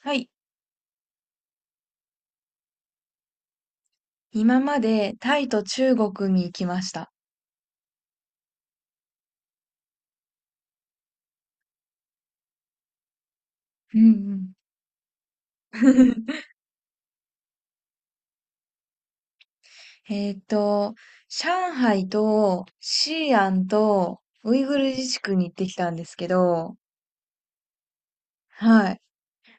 はい。今までタイと中国に行きました。うんうん。えっと、上海と西安とウイグル自治区に行ってきたんですけど、はい。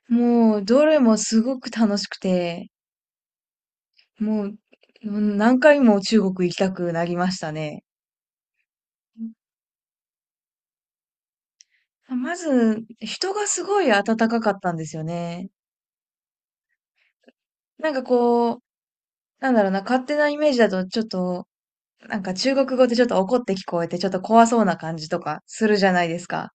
もう、どれもすごく楽しくて、もう、うん何回も中国行きたくなりましたね。まず、人がすごい温かかったんですよね。なんかこう、なんだろうな、勝手なイメージだとちょっとなんか中国語ってちょっと怒って聞こえて、ちょっと怖そうな感じとかするじゃないですか。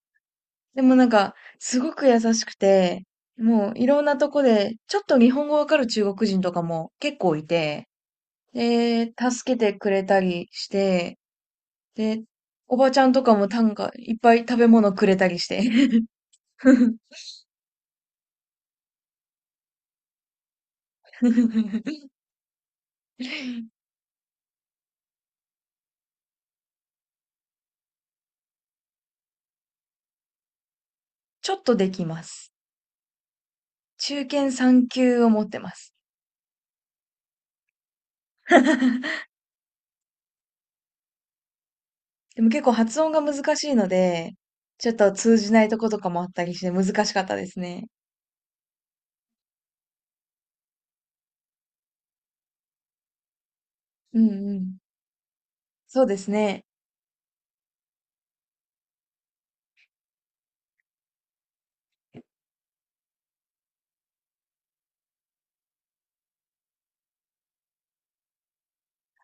でもなんか、すごく優しくて、もういろんなとこで、ちょっと日本語わかる中国人とかも結構いて、で、助けてくれたりして、で、おばちゃんとかもなんかいっぱい食べ物くれたりして。ちょっとできます。中堅3級を持ってます。でも結構発音が難しいので、ちょっと通じないとことかもあったりして難しかったですね。うんうん。そうですね。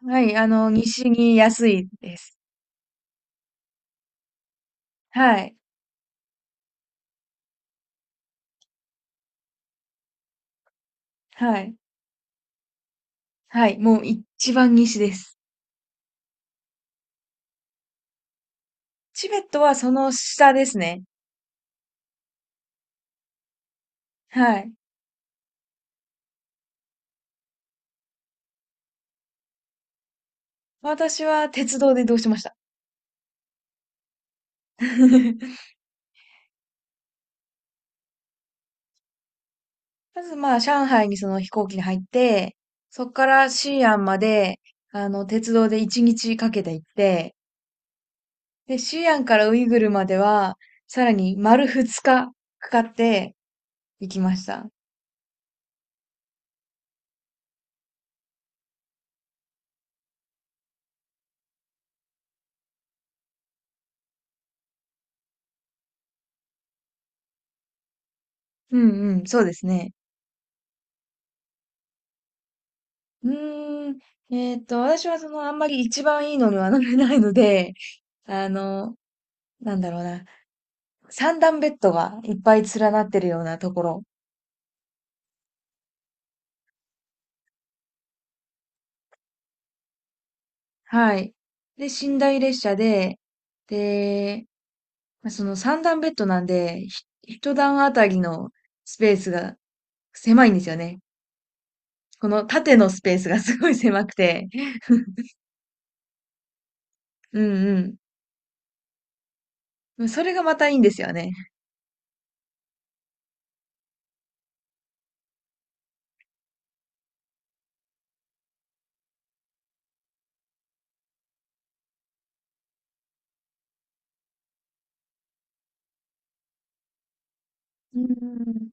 はい、あの、西に安いです。はい、はい、はい、もう一番西です。チベットはその下ですね。はい。私は鉄道で移動しました。まずまあ、上海にその飛行機に入って、そこから西安まで、あの、鉄道で一日かけて行って、で、シアンからウイグルまでは、さらに丸2日かかって行きました。うんうん、そうですね。うーん、私はその、あんまり一番いいのには乗れないので、あの、なんだろうな、三段ベッドがいっぱい連なってるようなところ。はい。で、寝台列車で、で、まあその三段ベッドなんで、一段あたりのスペースが狭いんですよね。この縦のスペースがすごい狭くて。うんうん。それがまたいいんですよね。うん。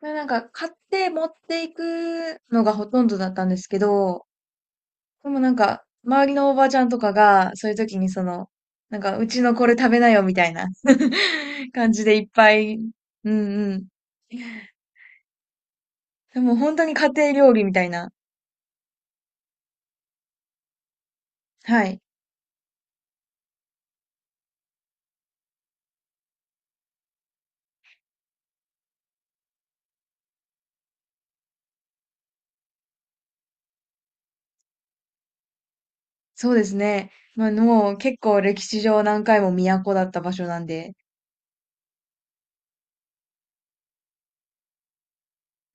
これなんか買って持っていくのがほとんどだったんですけど、でもなんか周りのおばちゃんとかがそういう時にその、なんかうちのこれ食べなよみたいな 感じでいっぱい、うんうん。でも本当に家庭料理みたいな。はい。そうですね。まあもう結構歴史上何回も都だった場所なんで。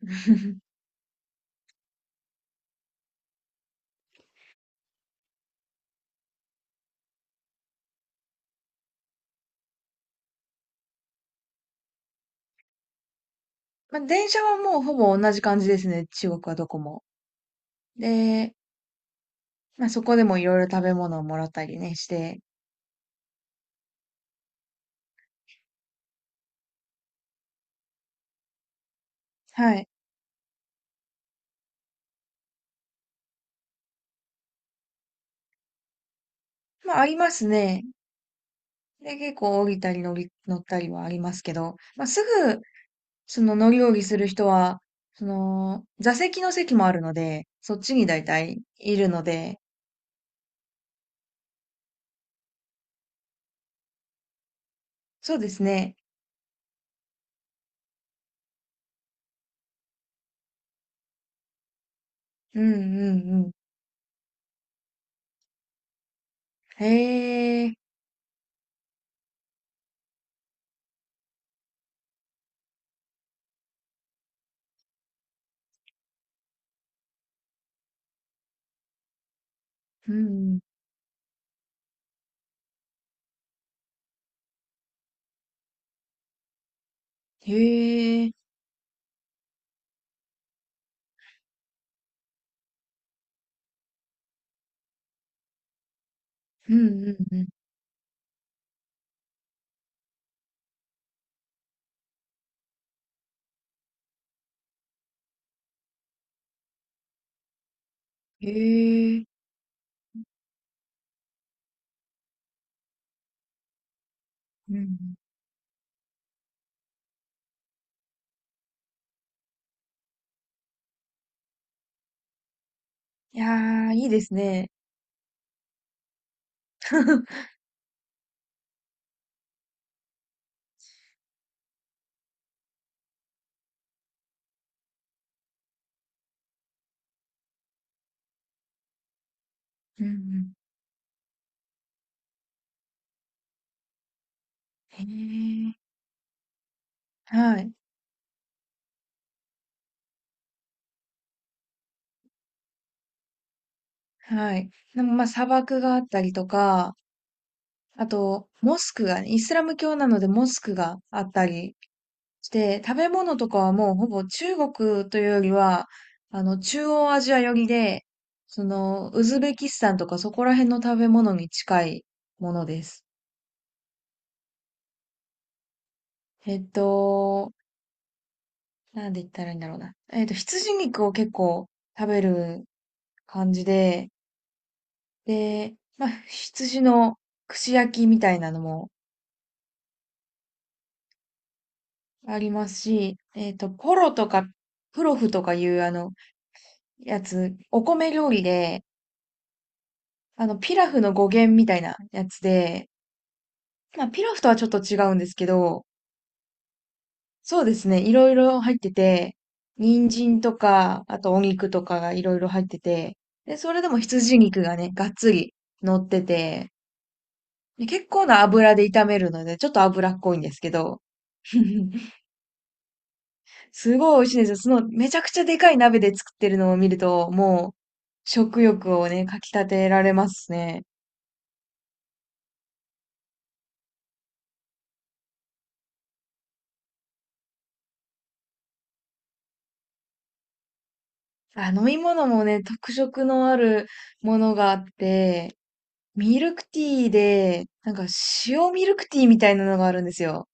まあ電車はもうほぼ同じ感じですね。中国はどこも。で、まあ、そこでもいろいろ食べ物をもらったりね、して、はい。まあ、ありますね。で、結構降りたり乗ったりはありますけど、まあ、すぐ、その乗り降りする人は、その、座席の席もあるので、そっちに大体いるので、そうですね。うんうんうん。へえ、うんうん。へえ、うんうんうん。へえ、うんうん。いやー、いいですね。うんうん。へえ、はい。はい。でもまあ砂漠があったりとか、あと、モスクがね、イスラム教なのでモスクがあったりして、食べ物とかはもうほぼ中国というよりは、あの、中央アジア寄りで、その、ウズベキスタンとかそこら辺の食べ物に近いものです。えっと、なんで言ったらいいんだろうな。羊肉を結構食べる感じで、で、まあ、羊の串焼きみたいなのもありますし、ポロとか、プロフとかいうあの、やつ、お米料理で、あの、ピラフの語源みたいなやつで、まあ、ピラフとはちょっと違うんですけど、そうですね、いろいろ入ってて、人参とか、あとお肉とかがいろいろ入ってて、で、それでも羊肉がね、がっつり乗ってて、で結構な油で炒めるので、ちょっと脂っこいんですけど、すごい美味しいんですよ。その、めちゃくちゃでかい鍋で作ってるのを見ると、もう、食欲をね、かき立てられますね。あ、飲み物もね、特色のあるものがあって、ミルクティーで、なんか塩ミルクティーみたいなのがあるんですよ。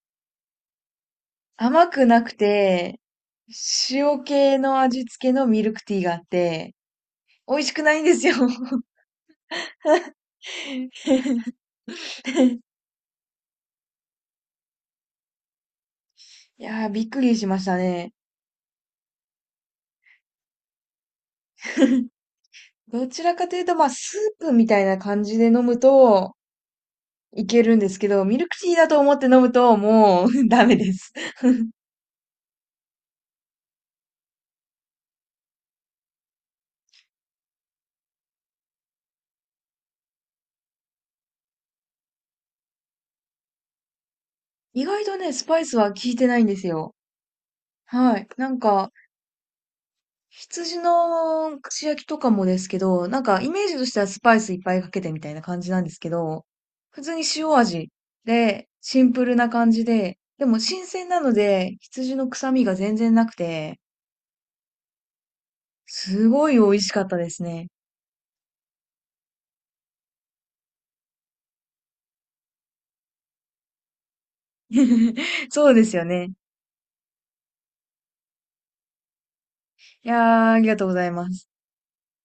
甘くなくて、塩系の味付けのミルクティーがあって、美味しくないんですよ。いやー、びっくりしましたね。どちらかというと、まあ、スープみたいな感じで飲むと、いけるんですけど、ミルクティーだと思って飲むと、もう ダメです。意外とね、スパイスは効いてないんですよ。はい。なんか、羊の串焼きとかもですけど、なんかイメージとしてはスパイスいっぱいかけてみたいな感じなんですけど、普通に塩味で、シンプルな感じで、でも新鮮なので、羊の臭みが全然なくて、すごい美味しかったですね。そうですよね。いやー、ありがとうございます。